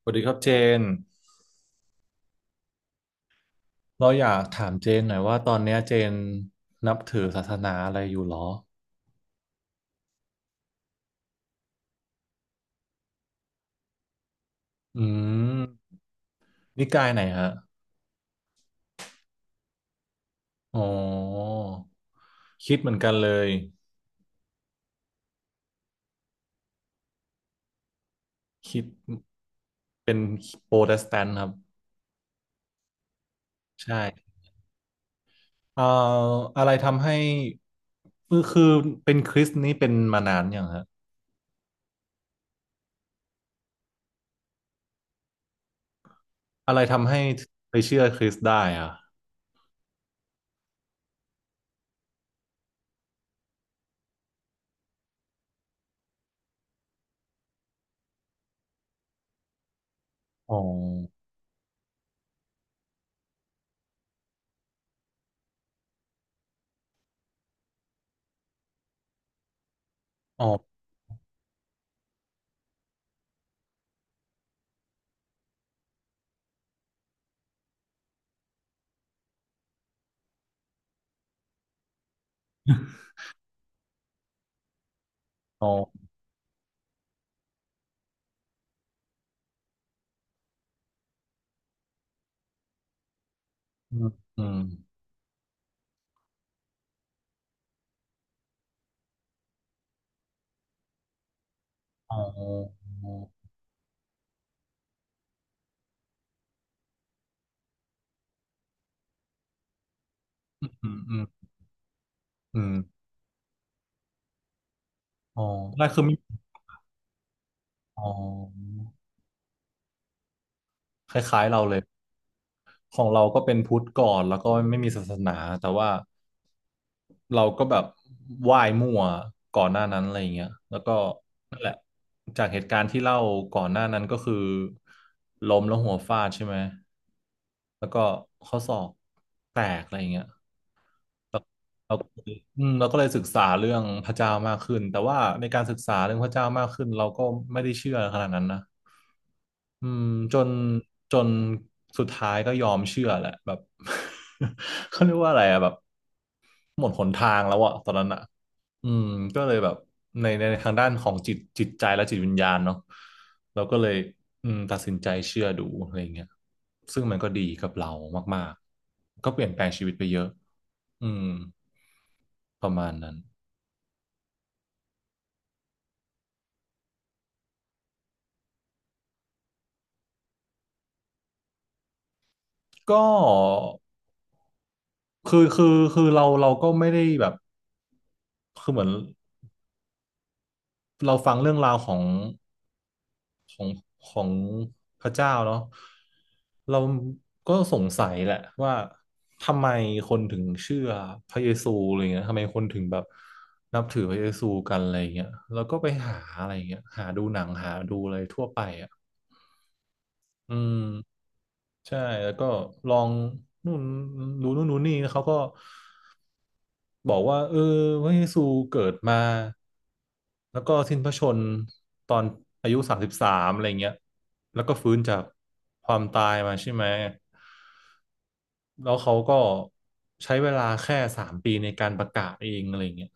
สวัสดีครับเจนเราอยากถามเจนหน่อยว่าตอนเนี้ยเจนนับถือศาสนาอะไรอยู่หรออืมนิกายไหนฮะอ๋อคิดเหมือนกันเลยคิดเป็นโปรเตสแตนต์ครับใช่เอ่ออะไรทำให้คือเป็นคริสต์นี่เป็นมานานยังฮะอะไรทำให้ไปเชื่อคริสต์ได้อะอ๋ออ๋ออ๋ออืมอืมอ๋ออืมอืมอืมอ๋อได้คือไม่ อ๋อคล้ายๆเราเลยของเราก็เป็นพุทธก่อนแล้วก็ไม่มีศาสนาแต่ว่าเราก็แบบไหว้มั่วก่อนหน้านั้นอะไรอย่างเงี้ยแล้วก็นั่นแหละจากเหตุการณ์ที่เล่าก่อนหน้านั้นก็คือล้มแล้วหัวฟาดใช่ไหมแล้วก็ข้อศอกแตกอะไรอย่างเงี้ยเราเราก็เลยอืมเราก็เลยศึกษาเรื่องพระเจ้ามากขึ้นแต่ว่าในการศึกษาเรื่องพระเจ้ามากขึ้นเราก็ไม่ได้เชื่อขนาดนั้นนะ อืมจนจนสุดท้ายก็ยอมเชื่อแหละแบบ เขาเรียกว่าอะไรอะแบบหมดหนทางแล้วอะตอนนั้นอะอืมก็เลยแบบในทางด้านของจิตใจและจิตวิญญาณเนาะเราก็เลยอืมตัดสินใจเชื่อดูอะไรเงี้ยซึ่งมันก็ดีกับเรามากๆก็เปลี่ยนแปลงชีวิตไปเยอะอืมประมาณนั้นก็คือคือคือเราก็ไม่ได้แบบคือเหมือนเราฟังเรื่องราวของ ของพระเจ้าเนาะเราก็สงสัยแหละว่าทำไมคนถึงเชื่อพระเยซูอะไรเงี้ยทำไมคนถึงแบบนับถือพระเยซูกันอะไรเงี้ยแล้วก็ไปหาอะไรเงี้ยหาดูหนังหาดูอะไรทั่วไปอ่ะอืมใช่แล้วก็ลองนู่นดูนู่นดูนี่เขาก็ บอกว่าเออพระเยซูเกิดมาแล้วก็สิ้นพระชนม์ตอนอายุ33อะไรเงี้ยแล้วก็ฟื้นจากความตายมาใช่ไหมแล้วเขาก็ใช้เวลาแค่สามปีในการประกาศเองอะไรเงี้ย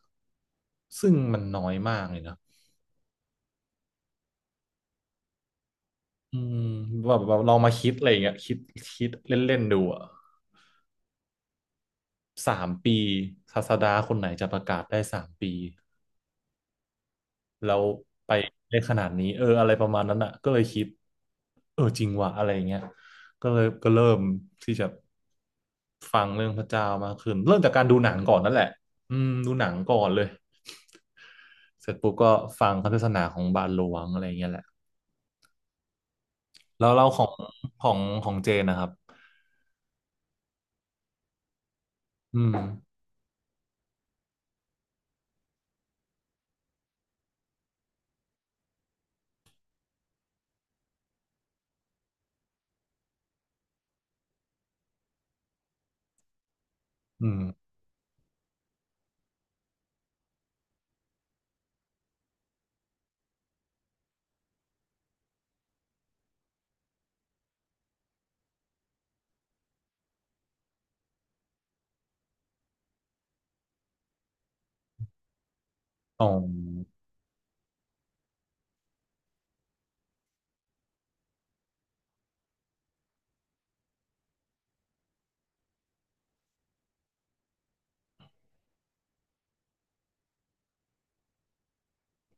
ซึ่งมันน้อยมากเลยนะอืมแบบลองมาคิดอะไรเงี้ยคิดเล่นๆดูอ่ะสามปีศาสดาคนไหนจะประกาศได้สามปี แล้วไปได้ขนาดนี้เอออะไรประมาณนั้นอ่ะก็เลยคิดเออจริงว่ะอะไรอย่างเงี้ยก็เลยก็เริ่มที่จะฟังเรื่องพระเจ้ามากขึ้นเริ่มจากการดูหนังก่อนนั่นแหละอืมดูหนังก่อนเลยเสร็จปุ๊บก็ฟังคำเทศนาของบาทหลวงอะไรอย่างเงี้ยแหละแล้วเราของของเจนนะครับอืมอืมอ๋อ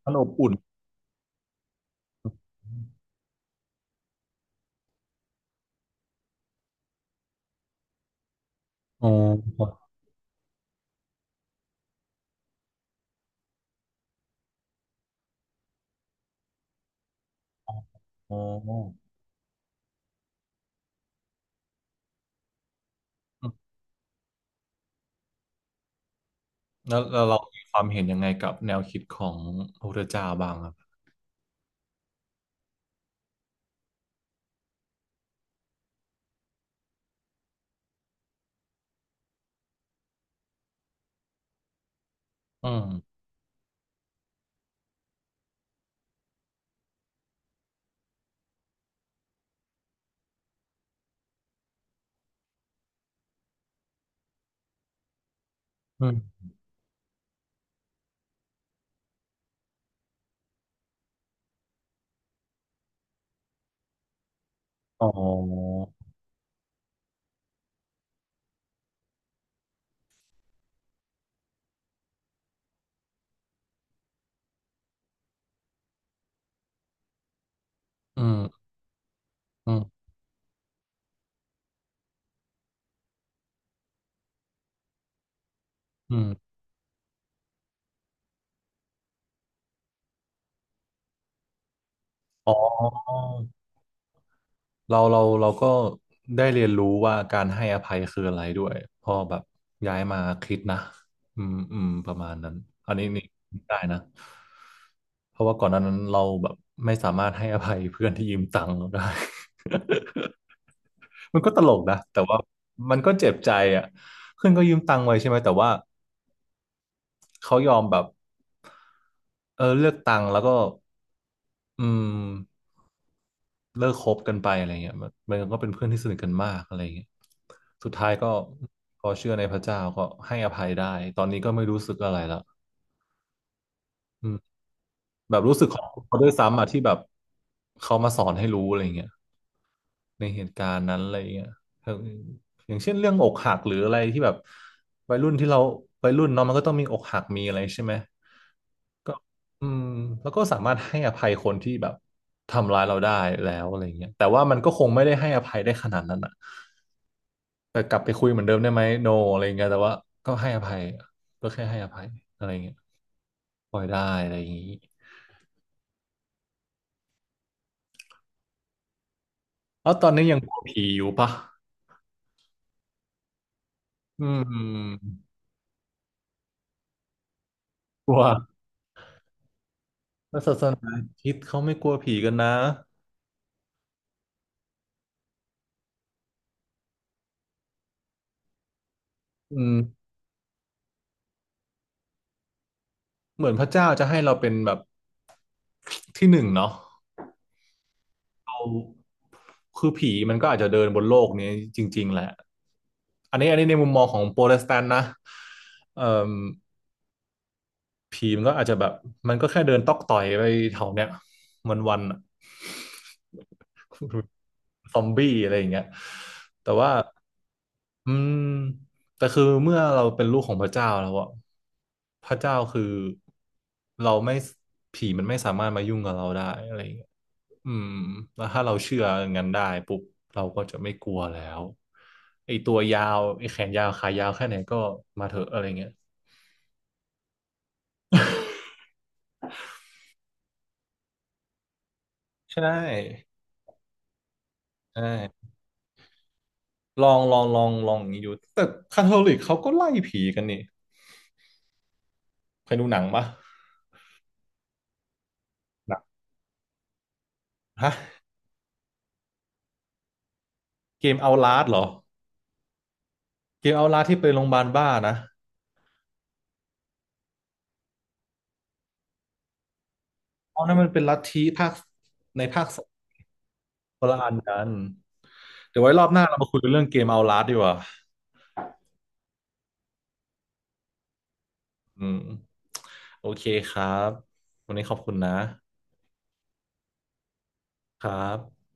มันอบอุ่นอ๋ออ๋อแล้วเรามีความเห็นยังไงกับแนวคิดของพระพุทธเจ้าบ้างครับอืม อืมอ๋ออืมอืมอืมอ๋อเราก็ได้เรียนรู้ว่าการให้อภัยคืออะไรด้วยพอแบบย้ายมาคิดนะ อืมอืมประมาณนั้นอันนี้นี่ได้นะเพราะว่าก่อนหน้านั้นเราแบบไม่สามารถให้อภัยเพื่อนที่ยืมตังค์เราได้ มันก็ตลกนะแต่ว่ามันก็เจ็บใจอ่ะเพื่อนก็ยืมตังค์ไว้ใช่ไหมแต่ว่าเขายอมแบบเออเลือกตังค์แล้วก็อืม เลิกคบกันไปอะไรเงี้ยมันก็เป็นเพื่อนที่สนิทกันมากอะไรเงี้ยสุดท้ายก็พอเชื่อในพระเจ้าก็ให้อภัยได้ตอนนี้ก็ไม่รู้สึกอะไรละอืมแบบรู้สึกของเขาด้วยซ้ำอ่ะที่แบบเขามาสอนให้รู้อะไรเงี้ยในเหตุการณ์นั้นอะไรเงี้ยเอออย่างเช่นเรื่องอกหักหรืออะไรที่แบบวัยรุ่นที่เราวัยรุ่นเนาะมันก็ต้องมีอกหักมีอะไรใช่ไหมก็อืมแล้วก็สามารถให้อภัยคนที่แบบทำร้ายเราได้แล้วอะไรเงี้ยแต่ว่ามันก็คงไม่ได้ให้อภัยได้ขนาดนั้นอ่ะ แต่กลับไปคุยเหมือนเดิมได้ไหมโนอะไรเงี้ยแต่ว่าก็ให้อภัยก็แค่ให้อภัยอะไรเงี้ยปล่อยได้อะไรอย่างงี้แล้วตอนนี้ยังกลัวผีอยู่ปะอืมกลัวแล้วศาสนาคริดเขาไม่กลัวผีกันนะอืมเหมือนพระเจ้าจะให้เราเป็นแบบที่หนึ่งเนาะเราคือผีมันก็อาจจะเดินบนโลกนี้จริงๆแหละอันนี้ในมุมมองของโปรเตสแตนต์นะเอ่อผีมันก็อาจจะแบบมันก็แค่เดินตอกต่อยไปแถวเนี้ยวันๆอะ ซอมบี้อะไรอย่างเงี้ยแต่ว่าอืมแต่คือเมื่อเราเป็นลูกของพระเจ้าแล้วอะพระเจ้าคือเราไม่ผีมันไม่สามารถมายุ่งกับเราได้อะไรอย่างเงี้ยอืมแล้วถ้าเราเชื่ออย่างนั้นได้ปุ๊บเราก็จะไม่กลัวแล้วไอ้ตัวยาวไอ้แขนยาวขายาวแค่ไหนก็มาเถอะอะไรเงี้ยใช่ใช่ลองอย่างนี้ดูแต่คาทอลิกเขาก็ไล่ผีกันนี่เคยดูหนังปะหนังฮะ เกมเอาลาสเหรอเกมเอาลาสที่เป็นโรงพยาบาลบ้านะเอานั่นมันเป็นลัทธิภาคในภาคสองคนละอันกันเดี๋ยวไว้รอบหน้าเรามาคุยเรื่องเกมเอาลาสดีกว่าอืมโอเคครับวันนี้ขอบคุณนะครับ